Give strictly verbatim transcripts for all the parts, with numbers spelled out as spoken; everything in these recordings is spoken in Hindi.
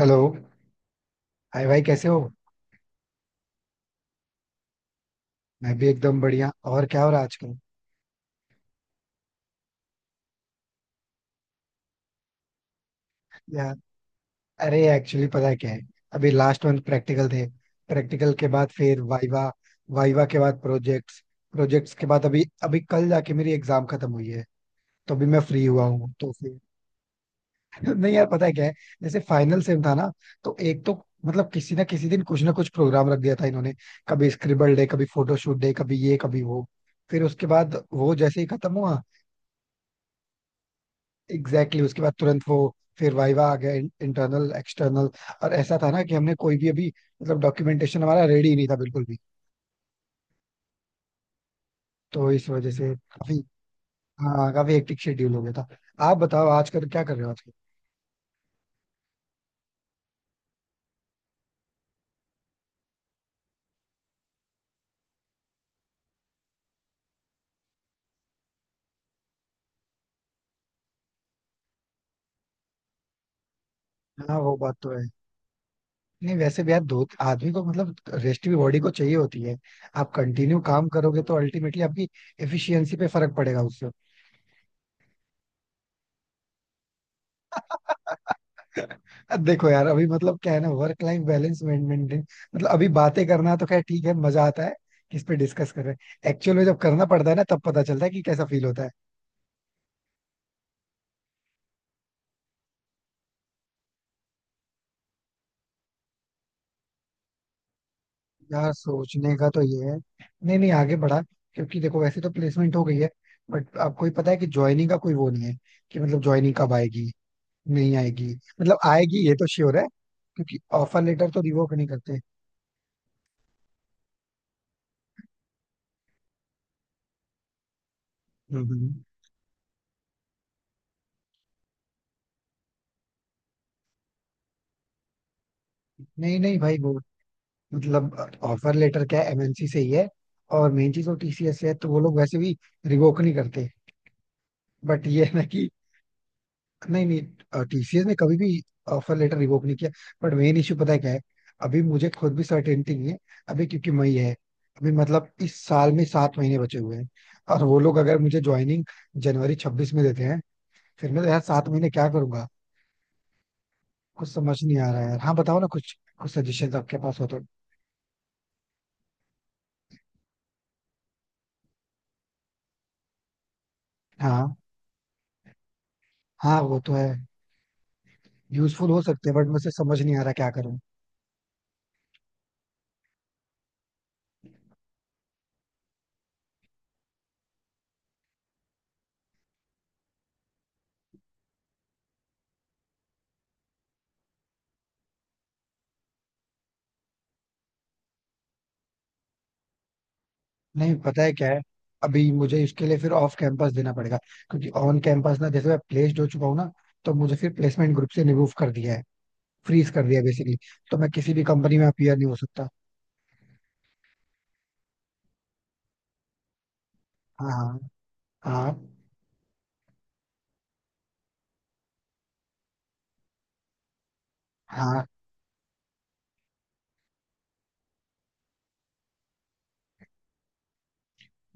हेलो। हाय भाई, कैसे हो? मैं भी एकदम बढ़िया। और क्या हो रहा है आजकल? यार, अरे एक्चुअली पता है क्या है, अभी लास्ट मंथ प्रैक्टिकल थे। प्रैक्टिकल के बाद फिर वाइवा। वाइवा के बाद प्रोजेक्ट्स। प्रोजेक्ट्स के बाद अभी अभी कल जाके मेरी एग्जाम खत्म हुई है। तो अभी मैं फ्री हुआ हूँ तो फिर नहीं यार, पता है क्या है, जैसे फाइनल सेम था ना, तो एक तो मतलब किसी ना किसी दिन कुछ ना कुछ प्रोग्राम रख दिया था इन्होंने। कभी स्क्रिबल डे, कभी फोटोशूट डे, कभी ये कभी वो। फिर उसके बाद वो जैसे ही खत्म हुआ, एग्जैक्टली exactly, उसके बाद तुरंत वो फिर वाइवा आ गया, इंटरनल एक्सटर्नल। और ऐसा था ना कि हमने कोई भी अभी मतलब डॉक्यूमेंटेशन हमारा रेडी नहीं था बिल्कुल भी। तो इस वजह से काफी, हाँ, काफी हेक्टिक शेड्यूल हो गया था। आप बताओ, आजकल क्या कर रहे हो आजकल? हाँ वो बात तो है। नहीं, वैसे भी यार दो आदमी को मतलब रेस्ट भी बॉडी को चाहिए होती है। आप कंटिन्यू काम करोगे तो अल्टीमेटली आपकी एफिशिएंसी पे फर्क पड़ेगा उससे। देखो यार, अभी मतलब क्या है ना, वर्क लाइफ बैलेंस मेंटेन। मतलब अभी बातें करना तो खैर ठीक है, मजा आता है। किस पे डिस्कस कर रहे हैं एक्चुअल में, जब करना पड़ता है ना तब पता चलता है कि कैसा फील होता है। यार सोचने का तो ये है, नहीं नहीं, आगे बढ़ा। क्योंकि देखो, वैसे तो प्लेसमेंट हो गई है, बट आपको ही पता है कि ज्वाइनिंग का कोई वो नहीं है कि मतलब ज्वाइनिंग कब आएगी, नहीं आएगी। मतलब आएगी ये तो श्योर है, क्योंकि ऑफर लेटर तो रिवोक नहीं करते। हम्म हम्म। नहीं नहीं भाई, वो मतलब ऑफर लेटर क्या है, एमएनसी से ही है। और मेन चीज वो टीसीएस से है, तो वो लोग वैसे भी रिवोक नहीं करते। बट ये है ना कि, नहीं नहीं, टीसीएस ने कभी भी ऑफर लेटर रिवोक नहीं किया। बट मेन इश्यू पता है क्या है, अभी मुझे खुद भी सर्टेनिटी नहीं है। अभी क्योंकि मई है। अभी मतलब इस साल में सात महीने बचे हुए हैं। और वो लोग अगर मुझे ज्वाइनिंग जनवरी छब्बीस में देते हैं, फिर मैं तो यार सात महीने क्या करूंगा? कुछ समझ नहीं आ रहा है यार। हाँ बताओ ना, कुछ कुछ सजेशन आपके पास हो तो। हाँ, हाँ वो तो है। यूजफुल हो सकते हैं, बट मुझे समझ नहीं आ रहा क्या करूं। नहीं, पता है क्या है, अभी मुझे इसके लिए फिर ऑफ कैंपस देना पड़ेगा। क्योंकि ऑन कैंपस ना, जैसे मैं प्लेस्ड हो चुका हूँ ना, तो मुझे फिर प्लेसमेंट ग्रुप से रिमूव कर दिया है, फ्रीज कर दिया बेसिकली। तो मैं किसी भी कंपनी में अपीयर नहीं हो सकता। हाँ, हाँ। हाँ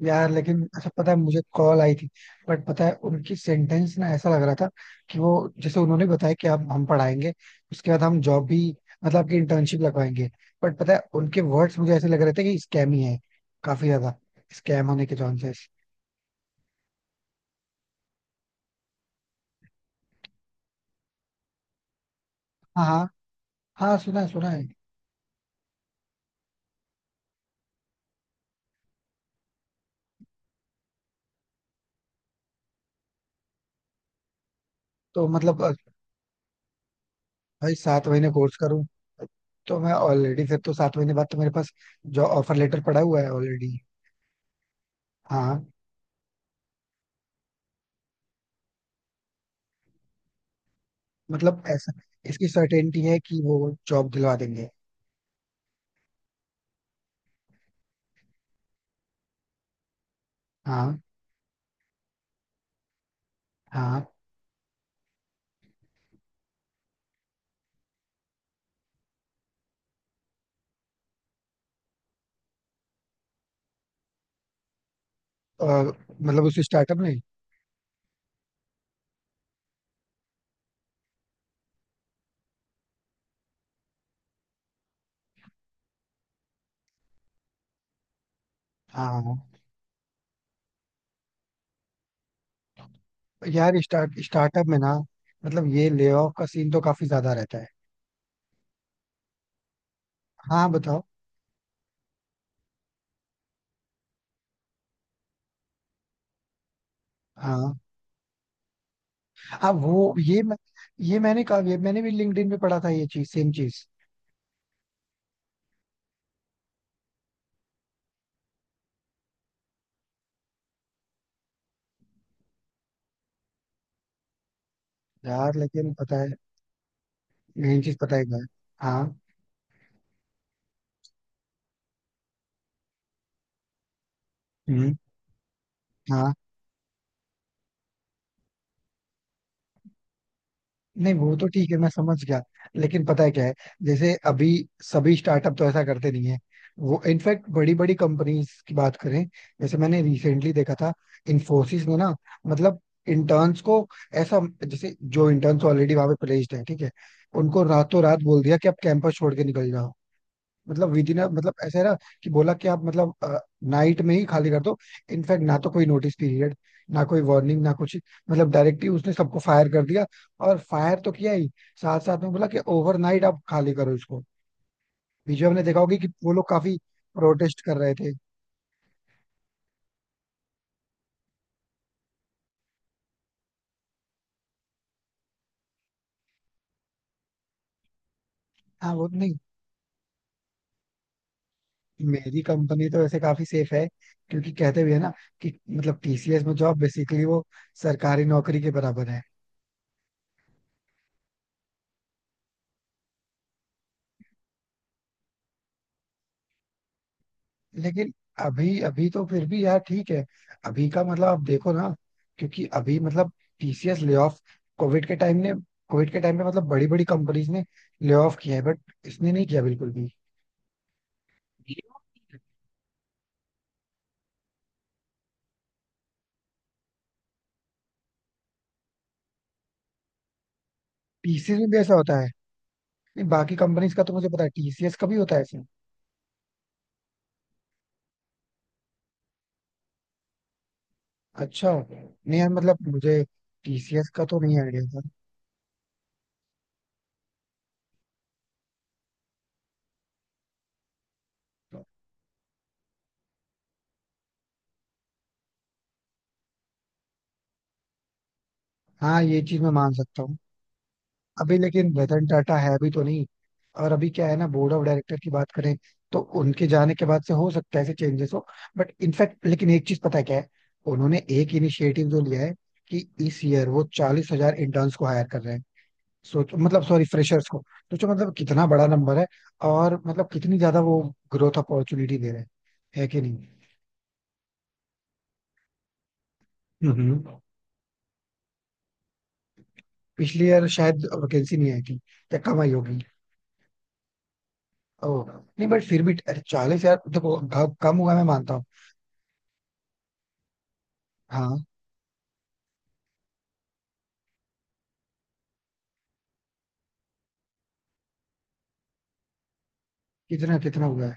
यार, लेकिन अच्छा पता है, मुझे कॉल आई थी। बट पता है, उनकी सेंटेंस ना ऐसा लग रहा था कि वो, जैसे उन्होंने बताया कि आप, हम पढ़ाएंगे, उसके बाद हम जॉब भी मतलब आपकी इंटर्नशिप लगवाएंगे। बट पता है, उनके वर्ड्स मुझे ऐसे लग रहे थे कि स्कैम ही है, काफी ज्यादा स्कैम होने के चांसेस। हाँ, हाँ। हाँ सुना है, सुना है। तो मतलब अ, भाई सात महीने कोर्स करूँ? तो मैं ऑलरेडी फिर, तो सात महीने बाद तो मेरे पास जो ऑफर लेटर पड़ा हुआ है ऑलरेडी। हाँ। मतलब ऐसा इसकी सर्टेनिटी है कि वो जॉब दिलवा देंगे? हाँ, हाँ। और मतलब उस स्टार्टअप में। हाँ, हाँ। यार स्टार्ट स्टार्टअप में ना, मतलब ये लेऑफ का सीन तो काफी ज्यादा रहता है। हाँ बताओ। हाँ, हाँ वो, ये मैं, ये मैंने कहा, ये मैंने भी लिंक्डइन पे पढ़ा था ये चीज, सेम चीज। यार लेकिन पता है, मेन चीज पता है क्या है? हाँ। हम्म। नहीं, वो तो ठीक है, मैं समझ गया। लेकिन पता है क्या है, जैसे अभी सभी स्टार्टअप तो ऐसा करते नहीं है। वो इनफैक्ट बड़ी बड़ी कंपनीज की बात करें, जैसे मैंने रिसेंटली देखा था, इन्फोसिस ने ना मतलब इंटर्न्स को ऐसा, जैसे जो इंटर्न्स ऑलरेडी वहां पे प्लेस्ड है ठीक है, उनको रातों रात बोल दिया कि आप कैंपस छोड़ के निकल जाओ। मतलब विदिन, मतलब ऐसा है ना कि बोला कि आप मतलब नाइट में ही खाली कर दो। इनफैक्ट ना तो कोई नोटिस पीरियड, ना कोई वार्निंग, ना कुछ, मतलब डायरेक्टली उसने सबको फायर कर दिया। और फायर तो किया ही, साथ साथ में बोला कि ओवरनाइट आप खाली करो इसको। बीच में हमने देखा होगा कि वो लोग काफी प्रोटेस्ट कर रहे थे। हाँ वो नहीं, मेरी कंपनी तो वैसे काफी सेफ है। क्योंकि कहते भी है ना कि मतलब टीसीएस में जॉब बेसिकली वो सरकारी नौकरी के बराबर है। लेकिन अभी अभी तो फिर भी यार ठीक है। अभी का मतलब आप देखो ना, क्योंकि अभी मतलब टीसीएस ले ऑफ, कोविड के टाइम ने, कोविड के टाइम पे मतलब बड़ी बड़ी कंपनीज ने ले ऑफ किया है, बट इसने नहीं किया बिल्कुल भी। टीसीएस में भी ऐसा होता है? नहीं, बाकी कंपनीज का तो मुझे पता है, टीसीएस का भी होता है ऐसे? अच्छा, नहीं यार मतलब मुझे टीसीएस का तो नहीं आइडिया था। हाँ ये चीज मैं मान सकता हूँ। अभी लेकिन रतन टाटा है अभी तो नहीं। और अभी क्या है ना, बोर्ड ऑफ डायरेक्टर की बात करें, तो उनके जाने के बाद से हो सकता है ऐसे चेंजेस हो। बट इनफैक्ट, लेकिन एक चीज पता है क्या है, उन्होंने एक इनिशिएटिव जो लिया है कि इस ईयर वो चालीस हजार इंटर्न्स को हायर कर रहे हैं। सोचो मतलब, सॉरी, फ्रेशर्स को। सोचो मतलब कितना बड़ा नंबर है। और मतलब कितनी ज्यादा वो ग्रोथ अपॉर्चुनिटी दे रहे हैं, है कि नहीं? हम्म। पिछले ईयर शायद वैकेंसी नहीं आई थी, या कम आई होगी। ओ। नहीं, बट फिर भी चालीस हजार, देखो घ- कम हुआ मैं मानता हूँ। हाँ। कितना कितना हुआ है?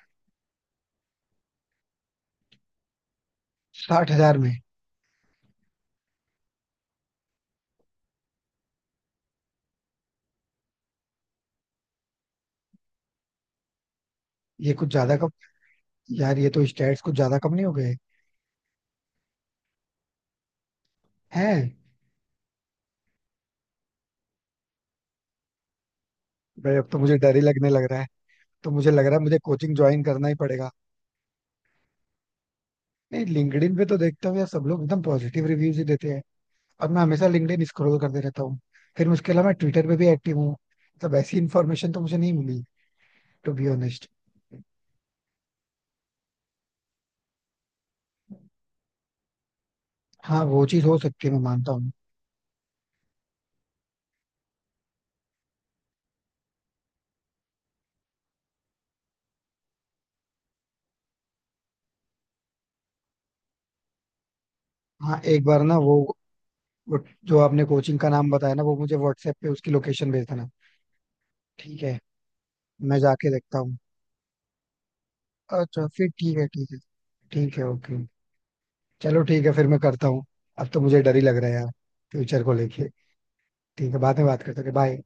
साठ हजार में? ये कुछ ज्यादा कम। यार ये तो स्टैट्स कुछ ज्यादा कम नहीं हो गए हैं? भाई अब तो मुझे डर ही लगने लग रहा है। तो मुझे लग रहा है मुझे कोचिंग ज्वाइन करना ही पड़ेगा। नहीं, लिंक्डइन पे तो देखता हूँ यार, सब लोग एकदम पॉजिटिव रिव्यूज ही देते हैं। और मैं हमेशा लिंक्डइन स्क्रॉल करते रहता हूँ। फिर उसके अलावा मैं ट्विटर पे भी एक्टिव हूँ, मतलब ऐसी इन्फॉर्मेशन तो मुझे नहीं मिली टू बी ऑनेस्ट। हाँ वो चीज हो सकती है, मैं मानता हूँ। हाँ एक बार ना, वो, वो जो आपने कोचिंग का नाम बताया ना, वो मुझे व्हाट्सएप पे उसकी लोकेशन भेज देना, ठीक है? मैं जाके देखता हूँ। अच्छा, फिर ठीक है, ठीक है। ठीक है, ओके। चलो ठीक है, फिर मैं करता हूँ। अब तो मुझे डर ही लग रहा है यार, फ्यूचर को लेके। ठीक है, बाद में बात करते हैं, बाय।